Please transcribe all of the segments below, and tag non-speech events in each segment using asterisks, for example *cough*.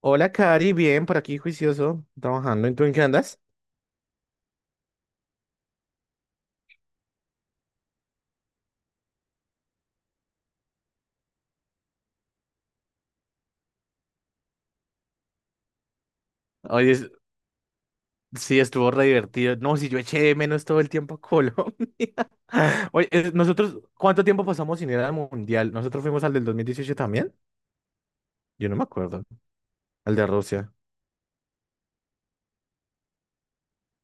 Hola, Cari, bien, por aquí juicioso, trabajando. ¿Y tú en qué andas? Oye, sí, estuvo re divertido. No, si yo eché de menos todo el tiempo a Colombia. *laughs* Oye, nosotros, ¿cuánto tiempo pasamos sin ir al Mundial? ¿Nosotros fuimos al del 2018 también? Yo no me acuerdo. Al de Rusia.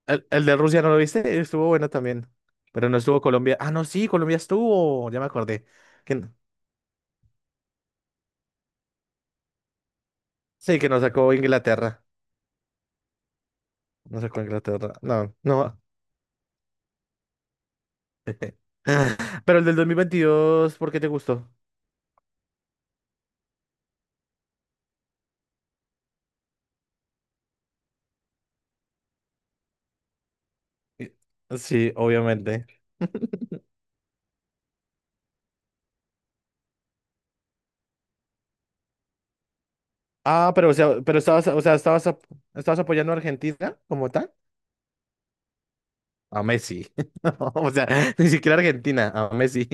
El de Rusia, ¿no lo viste? Estuvo bueno también. Pero no estuvo Colombia. Ah, no, sí, Colombia estuvo. Ya me acordé. Que, n- sí, que nos sacó Inglaterra. Nos sacó Inglaterra. No, no. *laughs* Pero el del 2022, ¿por qué te gustó? Eh, Sí, obviamente. Ah, pero, o sea, pero estabas, o sea, estabas apoyando a Argentina como tal. A Messi. *laughs* No, o sea, *laughs* ni siquiera Argentina, a Messi.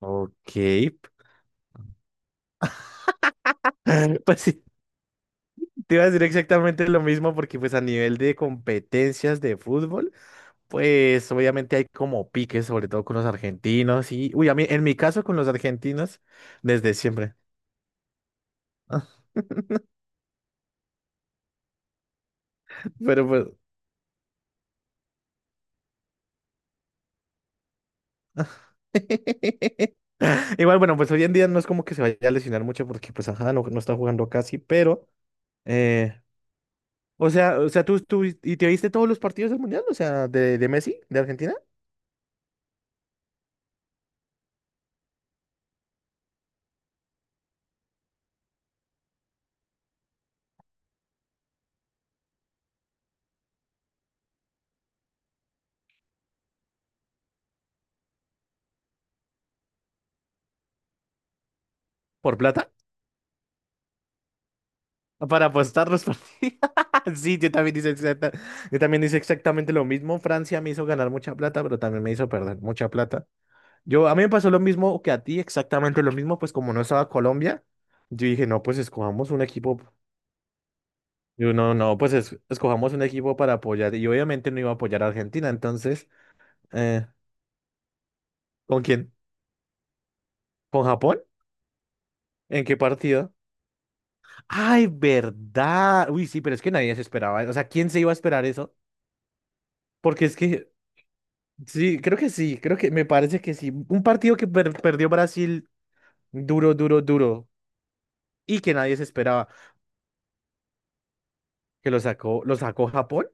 Ok. *laughs* Pues sí, te iba a decir exactamente lo mismo porque pues a nivel de competencias de fútbol, pues obviamente hay como piques, sobre todo con los argentinos y, uy, a mí, en mi caso con los argentinos, desde siempre. *laughs* Pero pues, *laughs* igual, bueno, pues hoy en día no es como que se vaya a lesionar mucho porque, pues, ajá, no está jugando casi, pero, eh, o sea, ¿y te viste todos los partidos del Mundial? O sea, de Messi, de Argentina, por plata, para apostar los partidos. *laughs* Sí, yo también hice exactamente lo mismo. Francia me hizo ganar mucha plata, pero también me hizo perder mucha plata. A mí me pasó lo mismo que a ti, exactamente lo mismo, pues como no estaba Colombia, yo dije, no, pues escojamos un equipo. Yo no, no, pues es- Escojamos un equipo para apoyar. Y obviamente no iba a apoyar a Argentina. Entonces, eh, ¿con quién? ¿Con Japón? ¿En qué partido? ¡Ay, verdad! Uy, sí, pero es que nadie se esperaba. O sea, ¿quién se iba a esperar eso? Porque es que, sí, creo que sí, creo que me parece que sí. Un partido que perdió Brasil duro, duro, duro. Y que nadie se esperaba. Que lo sacó Japón.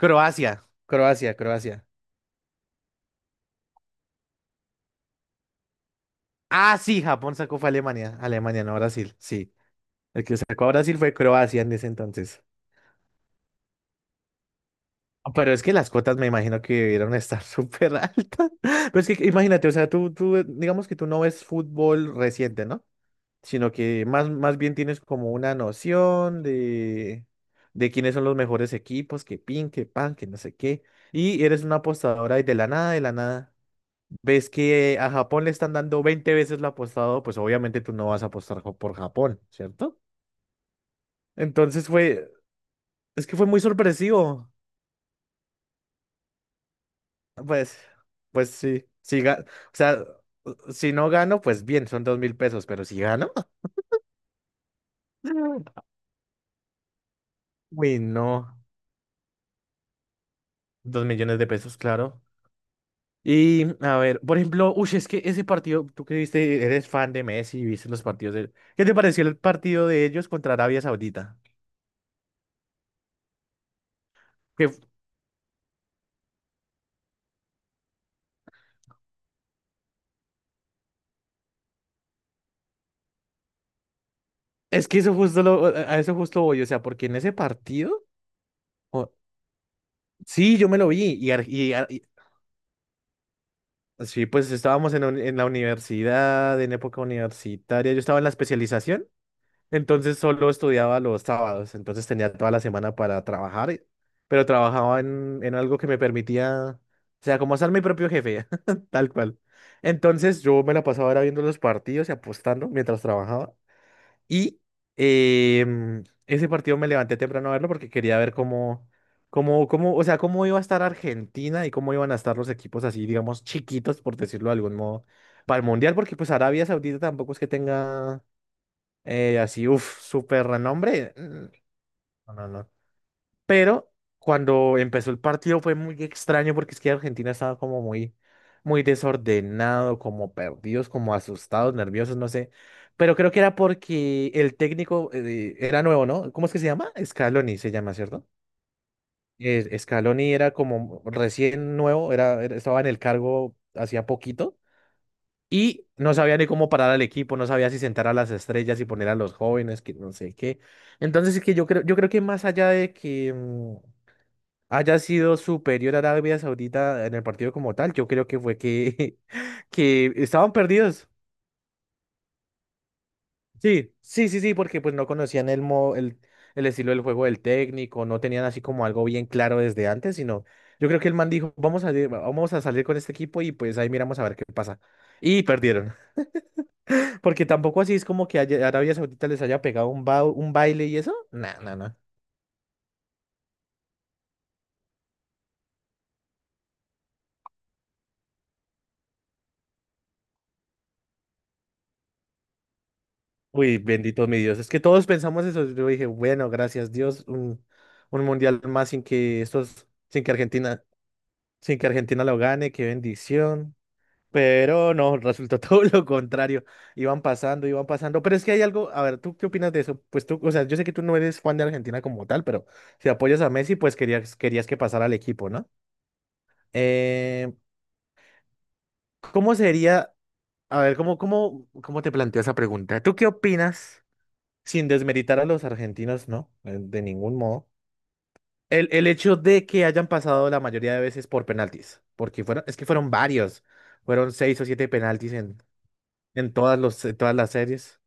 Croacia, Croacia, Croacia. Ah, sí, Japón sacó fue a Alemania. Alemania, no Brasil. Sí. El que sacó a Brasil fue Croacia en ese entonces. Pero es que las cuotas me imagino que debieron estar *laughs* súper altas. Pero es que imagínate, o sea, digamos que tú no ves fútbol reciente, ¿no? Sino que más, más bien tienes como una noción de quiénes son los mejores equipos, que pin, que pan, que no sé qué. Y eres una apostadora y de la nada, ves que a Japón le están dando 20 veces lo apostado, pues obviamente tú no vas a apostar por Japón, ¿cierto? Entonces fue, es que fue muy sorpresivo. Pues, o sea, si no gano, pues bien, son $2.000, pero si gano, *laughs* uy, no, 2 millones de pesos, claro. Y a ver, por ejemplo, uy, es que ese partido, tú que viste, eres fan de Messi y viste los partidos de ¿qué te pareció el partido de ellos contra Arabia Saudita? Que f- es que a eso justo voy, o sea, porque en ese partido, o- sí, yo me lo vi y, sí, pues estábamos en la universidad, en época universitaria, yo estaba en la especialización. Entonces solo estudiaba los sábados, entonces tenía toda la semana para trabajar, pero trabajaba en algo que me permitía, o sea, como ser mi propio jefe, *laughs* tal cual. Entonces yo me la pasaba era viendo los partidos y apostando mientras trabajaba. Y ese partido me levanté temprano a verlo porque quería ver o sea, cómo iba a estar Argentina y cómo iban a estar los equipos así, digamos, chiquitos, por decirlo de algún modo, para el Mundial, porque pues Arabia Saudita tampoco es que tenga así, uff, súper renombre. Mm, no, no, no. Pero cuando empezó el partido fue muy extraño porque es que Argentina estaba como muy, muy desordenado, como perdidos, como asustados, nerviosos, no sé. Pero creo que era porque el técnico era nuevo, ¿no? ¿Cómo es que se llama? Scaloni se llama, ¿cierto? Scaloni era como recién nuevo, estaba en el cargo hacía poquito. Y no sabía ni cómo parar al equipo, no sabía si sentar a las estrellas y poner a los jóvenes, que no sé qué. Entonces es que yo creo que más allá de que haya sido superior a Arabia Saudita en el partido como tal, yo creo que fue que, *laughs* que estaban perdidos. Sí, sí, sí, sí, porque pues no conocían el estilo del juego del técnico, no tenían así como algo bien claro desde antes, sino yo creo que el man dijo, vamos a salir con este equipo y pues ahí miramos a ver qué pasa. Y perdieron. Porque tampoco así es como que Arabia Saudita les haya pegado un baile y eso. No, no, no. Uy, bendito mi Dios. Es que todos pensamos eso. Yo dije, bueno, gracias Dios, un mundial más sin que estos, sin que Argentina lo gane, qué bendición. Pero no, resultó *laughs* todo lo contrario. Iban pasando, iban pasando. Pero es que hay algo, a ver, ¿tú qué opinas de eso? Pues tú, o sea, yo sé que tú no eres fan de Argentina como tal, pero si apoyas a Messi, pues querías que pasara al equipo, ¿no? Eh, ¿Cómo sería? A ver, ¿cómo te planteo esa pregunta? ¿Tú qué opinas, sin desmeritar a los argentinos, no, de ningún modo, el hecho de que hayan pasado la mayoría de veces por penaltis? Porque fueron, es que fueron varios, fueron 6 o 7 penaltis en, en todas las series.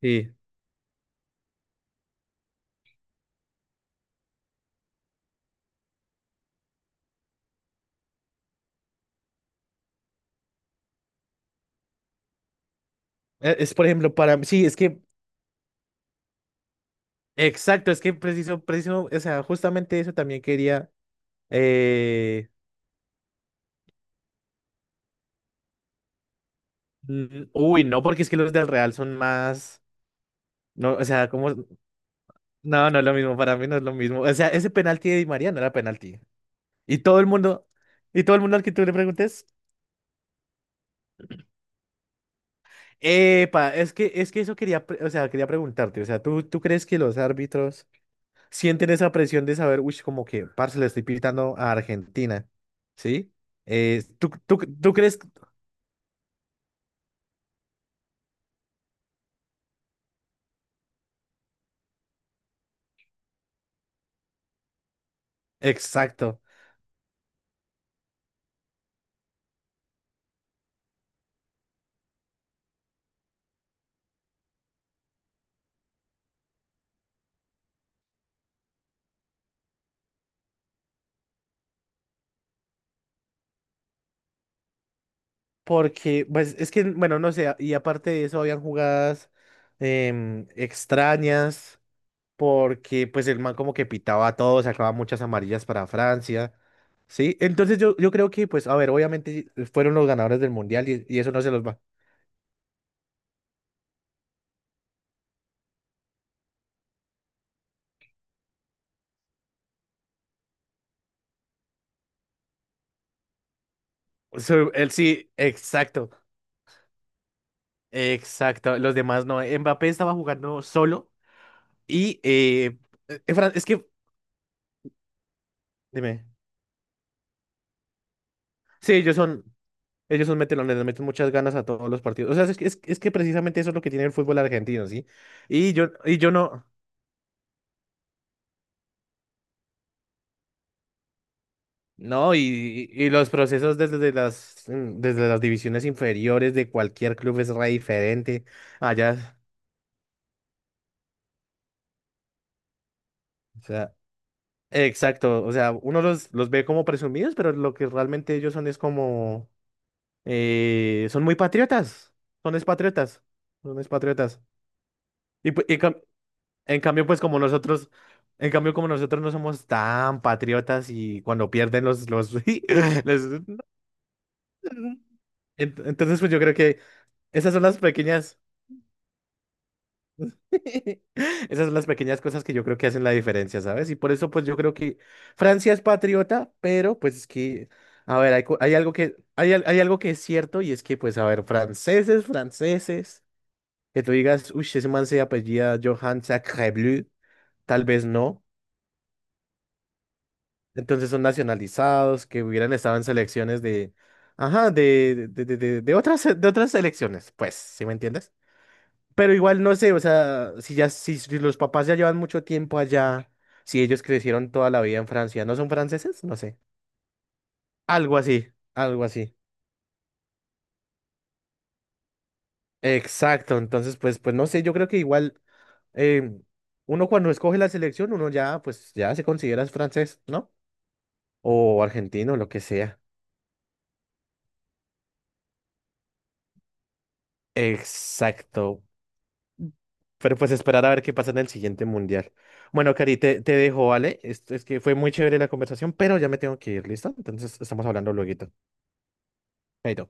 Sí, es por ejemplo para mí, sí, es que, exacto, es que preciso, preciso, o sea, justamente eso también quería, eh, uy, no, porque es que los del Real son más, no, o sea, como, no, no es lo mismo, para mí no es lo mismo. O sea, ese penalti de Di María no era penalti. Y todo el mundo, y todo el mundo al que tú le preguntes, epa, es que, eso quería, o sea, quería preguntarte, o sea, ¿tú crees que los árbitros sienten esa presión de saber, uy, como que, parce, le estoy pitando a Argentina, ¿sí? ¿Tú crees? Exacto, porque, pues, es que, bueno, no sé, y aparte de eso, habían jugadas extrañas. Porque pues el man como que pitaba a todos, sacaba muchas amarillas para Francia, ¿sí? Entonces yo creo que pues, a ver, obviamente fueron los ganadores del mundial y eso no se los va. So, él sí, exacto, exacto, los demás no. Mbappé estaba jugando solo y es que, dime, sí, ellos son Ellos son metelones, le meten muchas ganas a todos los partidos. O sea, es que precisamente eso es lo que tiene el fútbol argentino, ¿sí? Y yo no. No, y los procesos desde las, desde las divisiones inferiores de cualquier club es re diferente. Allá, o sea, exacto. O sea, uno los ve como presumidos, pero lo que realmente ellos son es como, son muy patriotas. Son es patriotas. Son es patriotas. Y, pu- y cam- en cambio, pues como nosotros, En cambio, como nosotros no somos tan patriotas y cuando pierden los, *laughs* les- entonces, pues yo creo que esas son las pequeñas. *laughs* Esas son las pequeñas cosas que yo creo que hacen la diferencia, ¿sabes? Y por eso, pues yo creo que Francia es patriota, pero pues es que, a ver, hay algo que, hay algo que es cierto y es que, pues, a ver, franceses, que tú digas, uy, ese man se apellida Johan Sacrebleu, tal vez no. Entonces son nacionalizados, que hubieran estado en selecciones ajá, de otras selecciones, pues, ¿sí me entiendes? Pero igual no sé, o sea, si los papás ya llevan mucho tiempo allá, si ellos crecieron toda la vida en Francia, ¿no son franceses? No sé. Algo así, algo así. Exacto, entonces pues no sé, yo creo que igual em, uno cuando escoge la selección, uno ya pues ya se considera es francés, ¿no? O argentino, lo que sea. Exacto. Pero pues esperar a ver qué pasa en el siguiente mundial. Bueno, Cari, te dejo, ¿vale? Esto es que fue muy chévere la conversación, pero ya me tengo que ir, ¿listo? Entonces estamos hablando luego. Chaito.